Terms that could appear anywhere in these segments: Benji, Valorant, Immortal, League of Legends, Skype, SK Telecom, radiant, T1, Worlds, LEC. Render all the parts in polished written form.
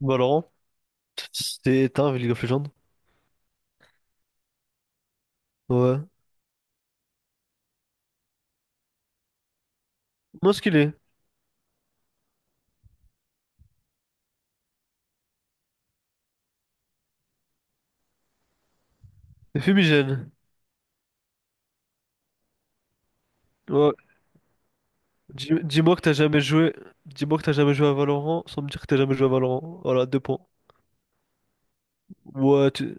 Valorant. C'est un League of Legends. Ouais. Moi, ce qu'il est, c'est fumigène. Ouais. Dis-moi que t'as jamais joué. Dis-moi que t'as jamais joué à Valorant sans me dire que t'as jamais joué à Valorant. Voilà, deux points. Ouais,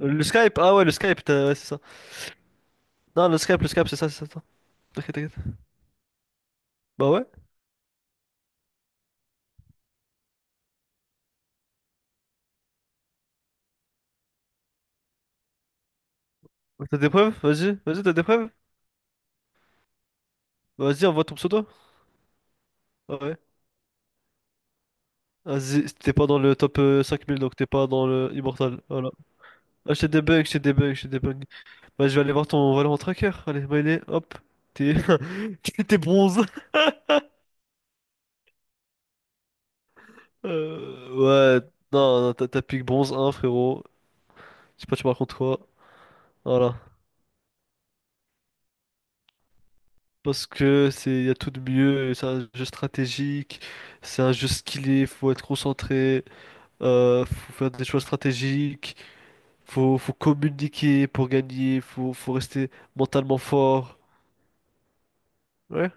Le Skype, ah ouais, le Skype, ouais, c'est ça. Non, le Skype, c'est ça, c'est ça. T'inquiète, t'inquiète. Bah ouais. T'as des preuves? Vas-y, vas-y, t'as des preuves? Vas-y, envoie ton pseudo. Ah ouais. Vas-y, t'es pas dans le top 5000, donc t'es pas dans le Immortal. Voilà. Ah, j'ai des bugs, j'ai des bugs, j'ai des bugs. Bah, je vais aller voir ton volant tracker. Allez, Maïné, hop. T'es t'es bronze. Euh, ouais, non, non, t'as pique bronze un frérot. Je sais pas, tu me racontes quoi. Voilà. Parce que c'est, y a tout de mieux. C'est un jeu stratégique. C'est un jeu skillé. Faut être concentré. Faut faire des choix stratégiques. Faut communiquer pour gagner. Faut rester mentalement fort. Ouais.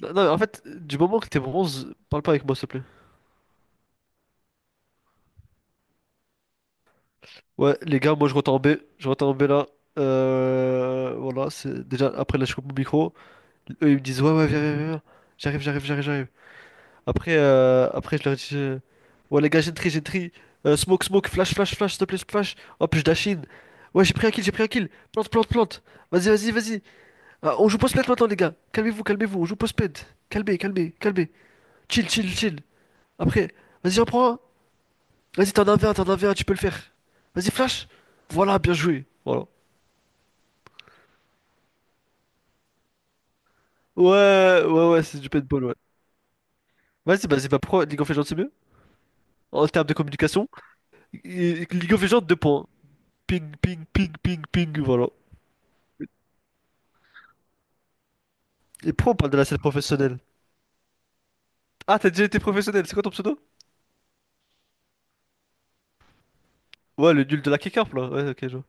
Non, non, en fait, du moment que t'es bronze, parle pas avec moi, s'il te plaît. Ouais, les gars, moi je rentre en B. Je rentre en B là. Voilà, c'est déjà après là je coupe mon micro. Eux ils me disent ouais, ouais, viens, viens, viens. J'arrive, j'arrive, j'arrive, j'arrive. Après, après je leur dis ouais, les gars, j'ai une tri, j'ai une tri. Smoke, smoke, flash, flash, flash, s'il te plaît, flash. Hop, je dash in. Ouais, j'ai pris un kill, j'ai pris un kill. Plante, plante, plante. Vas-y, vas-y, vas-y. Ah, on joue post-ped maintenant, les gars. Calmez-vous, calmez-vous. On joue post-ped. Calmez, calmez, calmez. Chill, chill, chill. Après, vas-y, en prends un. Vas-y, t'en as un, v un t'en as un, v un tu peux le faire. Vas-y, flash. Voilà, bien joué. Voilà. Ouais, ouais, ouais, c'est du paintball, ouais. Vas-y, bah, c'est pas pourquoi League of Legends c'est mieux? En termes de communication, League of Legends, deux points. Ping, ping, ping, ping, ping, voilà. Et pourquoi on parle de la scène professionnelle? Ah, t'as déjà été professionnel, c'est quoi ton pseudo? Ouais, le nul de la K-Carp, là. Ouais, ok, je vois.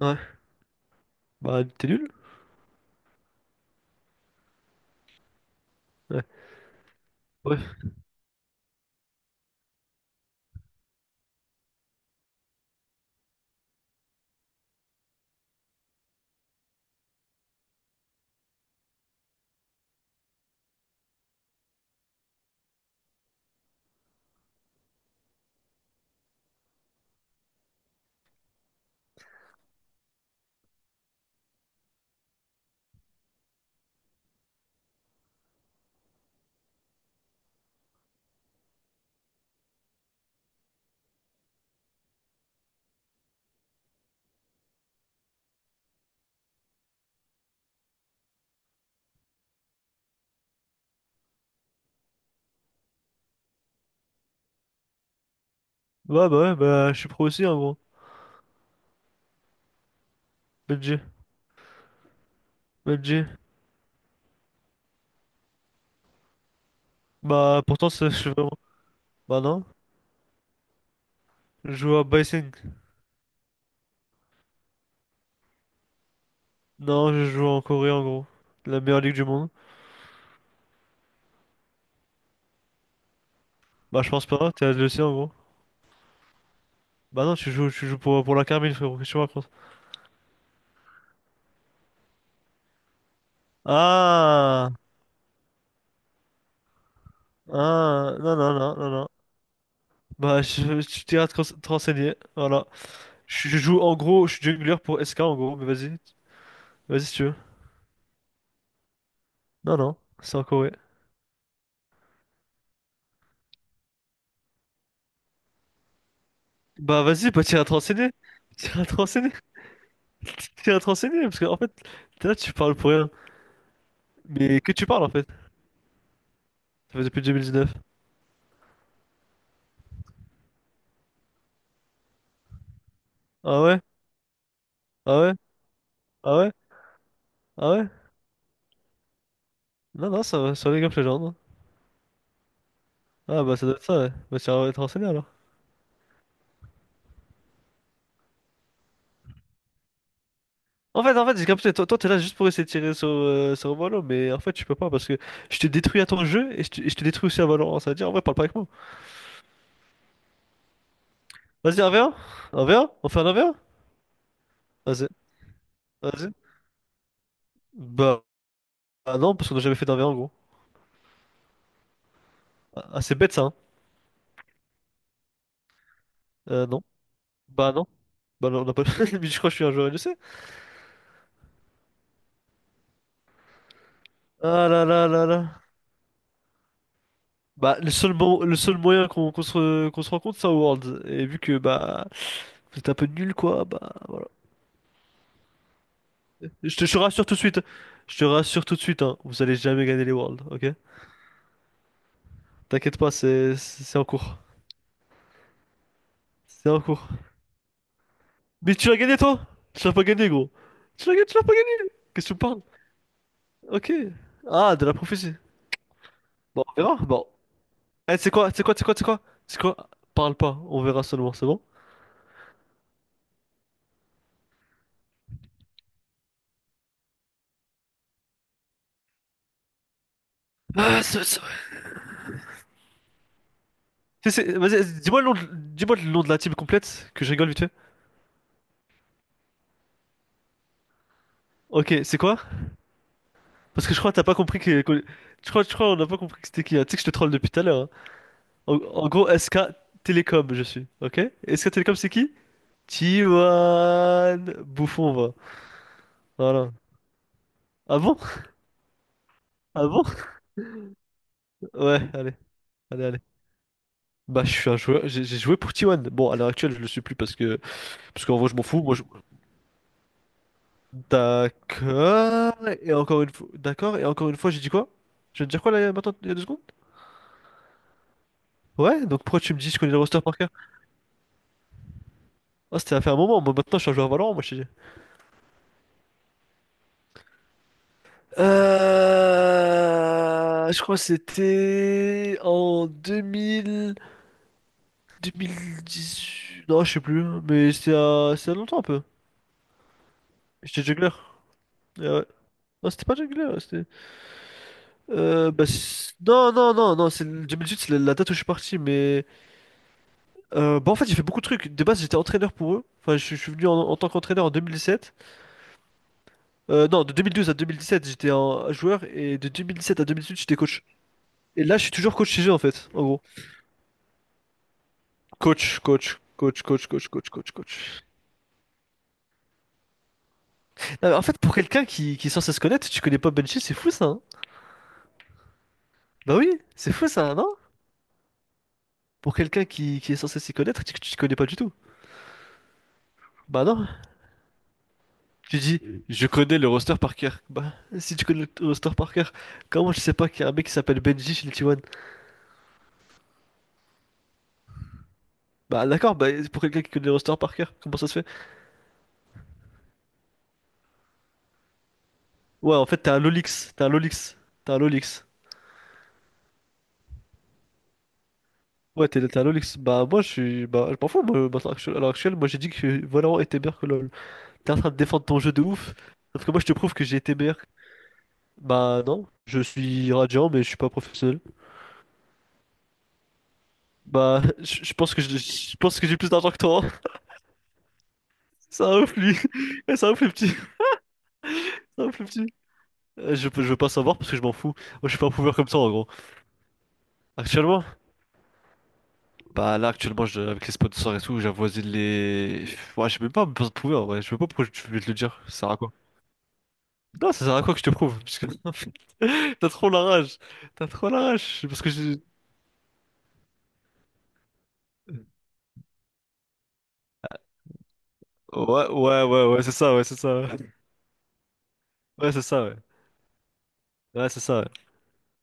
Ouais. Bah, t'es nul? Ouais. Ouais. Ouais, bah, je suis pro aussi, hein, gros. BG, BG. Bah, pourtant, ça, je suis vraiment. Bah, non. Je joue à Bysing. Non, je joue en Corée, en gros. La meilleure ligue du monde. Bah, je pense pas, t'es le sien, en gros. Bah non, tu joues pour la Carmine, frérot, qu'est-ce que tu me racontes? Ah, ah, non, non, non, non, non. Bah, je, tu t'iras te te renseigner, voilà. Je joue, en gros, je suis jungler pour SK, en gros, mais vas-y, vas-y si tu veux. Non, non, c'est en Corée. Bah vas-y, bah t'iras te renseigner, t'iras te renseigner, parce que en fait, t'es là, tu parles pour rien. Mais que tu parles, en fait? Ça fait depuis 2019. Ah ouais? Ah ouais? Ah ouais? Ah ouais? Non, non, ça va, sur League of Legends. Ah bah ça doit être ça, ouais. Bah t'iras te renseigner, alors. En fait, j'ai capté, toi, toi, t'es là juste pour essayer de tirer sur, sur Valorant, mais en fait, tu peux pas parce que je te détruis à ton jeu et et je te détruis aussi à Valorant. Ça veut dire, en vrai, parle pas avec moi. Vas-y, 1v1? 1v1? On fait un 1v1? Vas-y, vas-y. Bah, bah non, parce qu'on a jamais fait d'1v1 gros. Ah, c'est bête ça, hein? Non. Bah non. Bah non, on n'a pas. Mais je crois que je suis un joueur LEC. Ah là là là là. Bah, le seul, le seul moyen qu'on se rencontre, c'est à Worlds. Et vu que, bah, vous êtes un peu nul, quoi, bah, voilà. Je te rassure tout de suite. Je te rassure tout de suite, hein. Vous allez jamais gagner les Worlds, ok? T'inquiète pas, c'est en cours. C'est en cours. Mais tu l'as gagné, toi? Tu l'as pas gagné, gros. Tu l'as gagné, tu l'as pas gagné. Qu'est-ce que tu me parles? Ok. Ah, de la prophétie. Bon, on verra. Bon. Eh, c'est quoi? C'est quoi? C'est quoi? C'est quoi? C'est quoi? Parle pas. On verra seulement, c'est bon? Ah, c'est vrai. Vas-y, dis-moi le nom de la team complète, que je rigole vite fait. Ok, c'est quoi? Parce que je crois que t'as pas compris je crois, on n'a pas compris que c'était qui, hein. Tu sais que je te troll depuis tout à l'heure, hein. En gros, SK Telecom je suis. Ok? SK Telecom c'est qui? Tiwan Bouffon, va. Voilà. Ah bon? Ah bon? Ouais, allez, allez, allez. Bah, je suis un joueur, j'ai joué pour t Tiwan. Bon, à l'heure actuelle, je le suis plus parce que, parce qu'en vrai, je m'en fous. Moi, je... D'accord. Et encore une fois, d'accord. Et encore une fois, j'ai dit quoi? Je viens de dire quoi là, maintenant, il y a deux secondes? Ouais, donc pourquoi tu me dis que je connais le roster par cœur? Oh, c'était à faire un moment. Moi, maintenant, je suis un joueur Valorant, moi, je te dis. Je crois que c'était en 2000, 2018. Non, je sais plus, mais c'était il y a longtemps un peu. J'étais jongleur. Et ouais. Non, c'était pas jongleur, c'était. Non, non, non, non, c'est 2018, c'est la date où je suis parti, mais. Bah, en fait, j'ai fait beaucoup de trucs. De base, j'étais entraîneur pour eux. Enfin, je suis venu en tant qu'entraîneur en 2017. Non, de 2012 à 2017, j'étais un joueur, et de 2017 à 2018, j'étais coach. Et là, je suis toujours coach chez eux, en fait, en gros. Coach, coach, coach, coach, coach, coach, coach, coach. Non, mais en fait, pour quelqu'un qui est censé se connaître, tu connais pas Benji, c'est fou ça, hein. Bah oui, c'est fou ça, non? Pour quelqu'un qui est censé s'y connaître, tu connais pas du tout. Bah non. Tu dis, je connais le roster par cœur. Bah, si tu connais le roster par cœur, comment tu sais pas qu'il y a un mec qui s'appelle Benji chez les T1? Bah d'accord, bah pour quelqu'un qui connaît le roster par cœur, comment ça se fait? Ouais, en fait, t'es un Lolix, t'es un Lolix, t'es un Lolix. Ouais, t'es un Lolix. Bah moi, je suis. Bah, je m'en fous, moi, maintenant, à l'heure actuelle, moi j'ai dit que Valorant était meilleur que LoL. T'es en train de défendre ton jeu de ouf, sauf que moi je te prouve que j'ai été meilleur. Bah non, je suis radiant mais je suis pas professionnel. Je pense que je pense que j'ai plus d'argent que toi, hein. Ça un ouf lui. Eh, c'est un ouf le petit. C'est un ouf le petit. Je, je veux pas savoir parce que je m'en fous. Moi je suis pas un prouveur comme ça en gros. Actuellement? Bah là actuellement avec les sponsors et tout, j'avoisine les. Ouais j'ai même pas besoin de prouveur ouais. Je sais pas pourquoi je vais te le dire. Ça sert à quoi? Non ça sert à quoi que je te prouve? Parce que... T'as trop la rage. T'as trop la rage. Parce que j'ai... Ouais, ouais, ouais, ouais, c'est ça, ouais, c'est ça. Ouais, c'est ça, ouais. Ouais, c'est ça, ouais.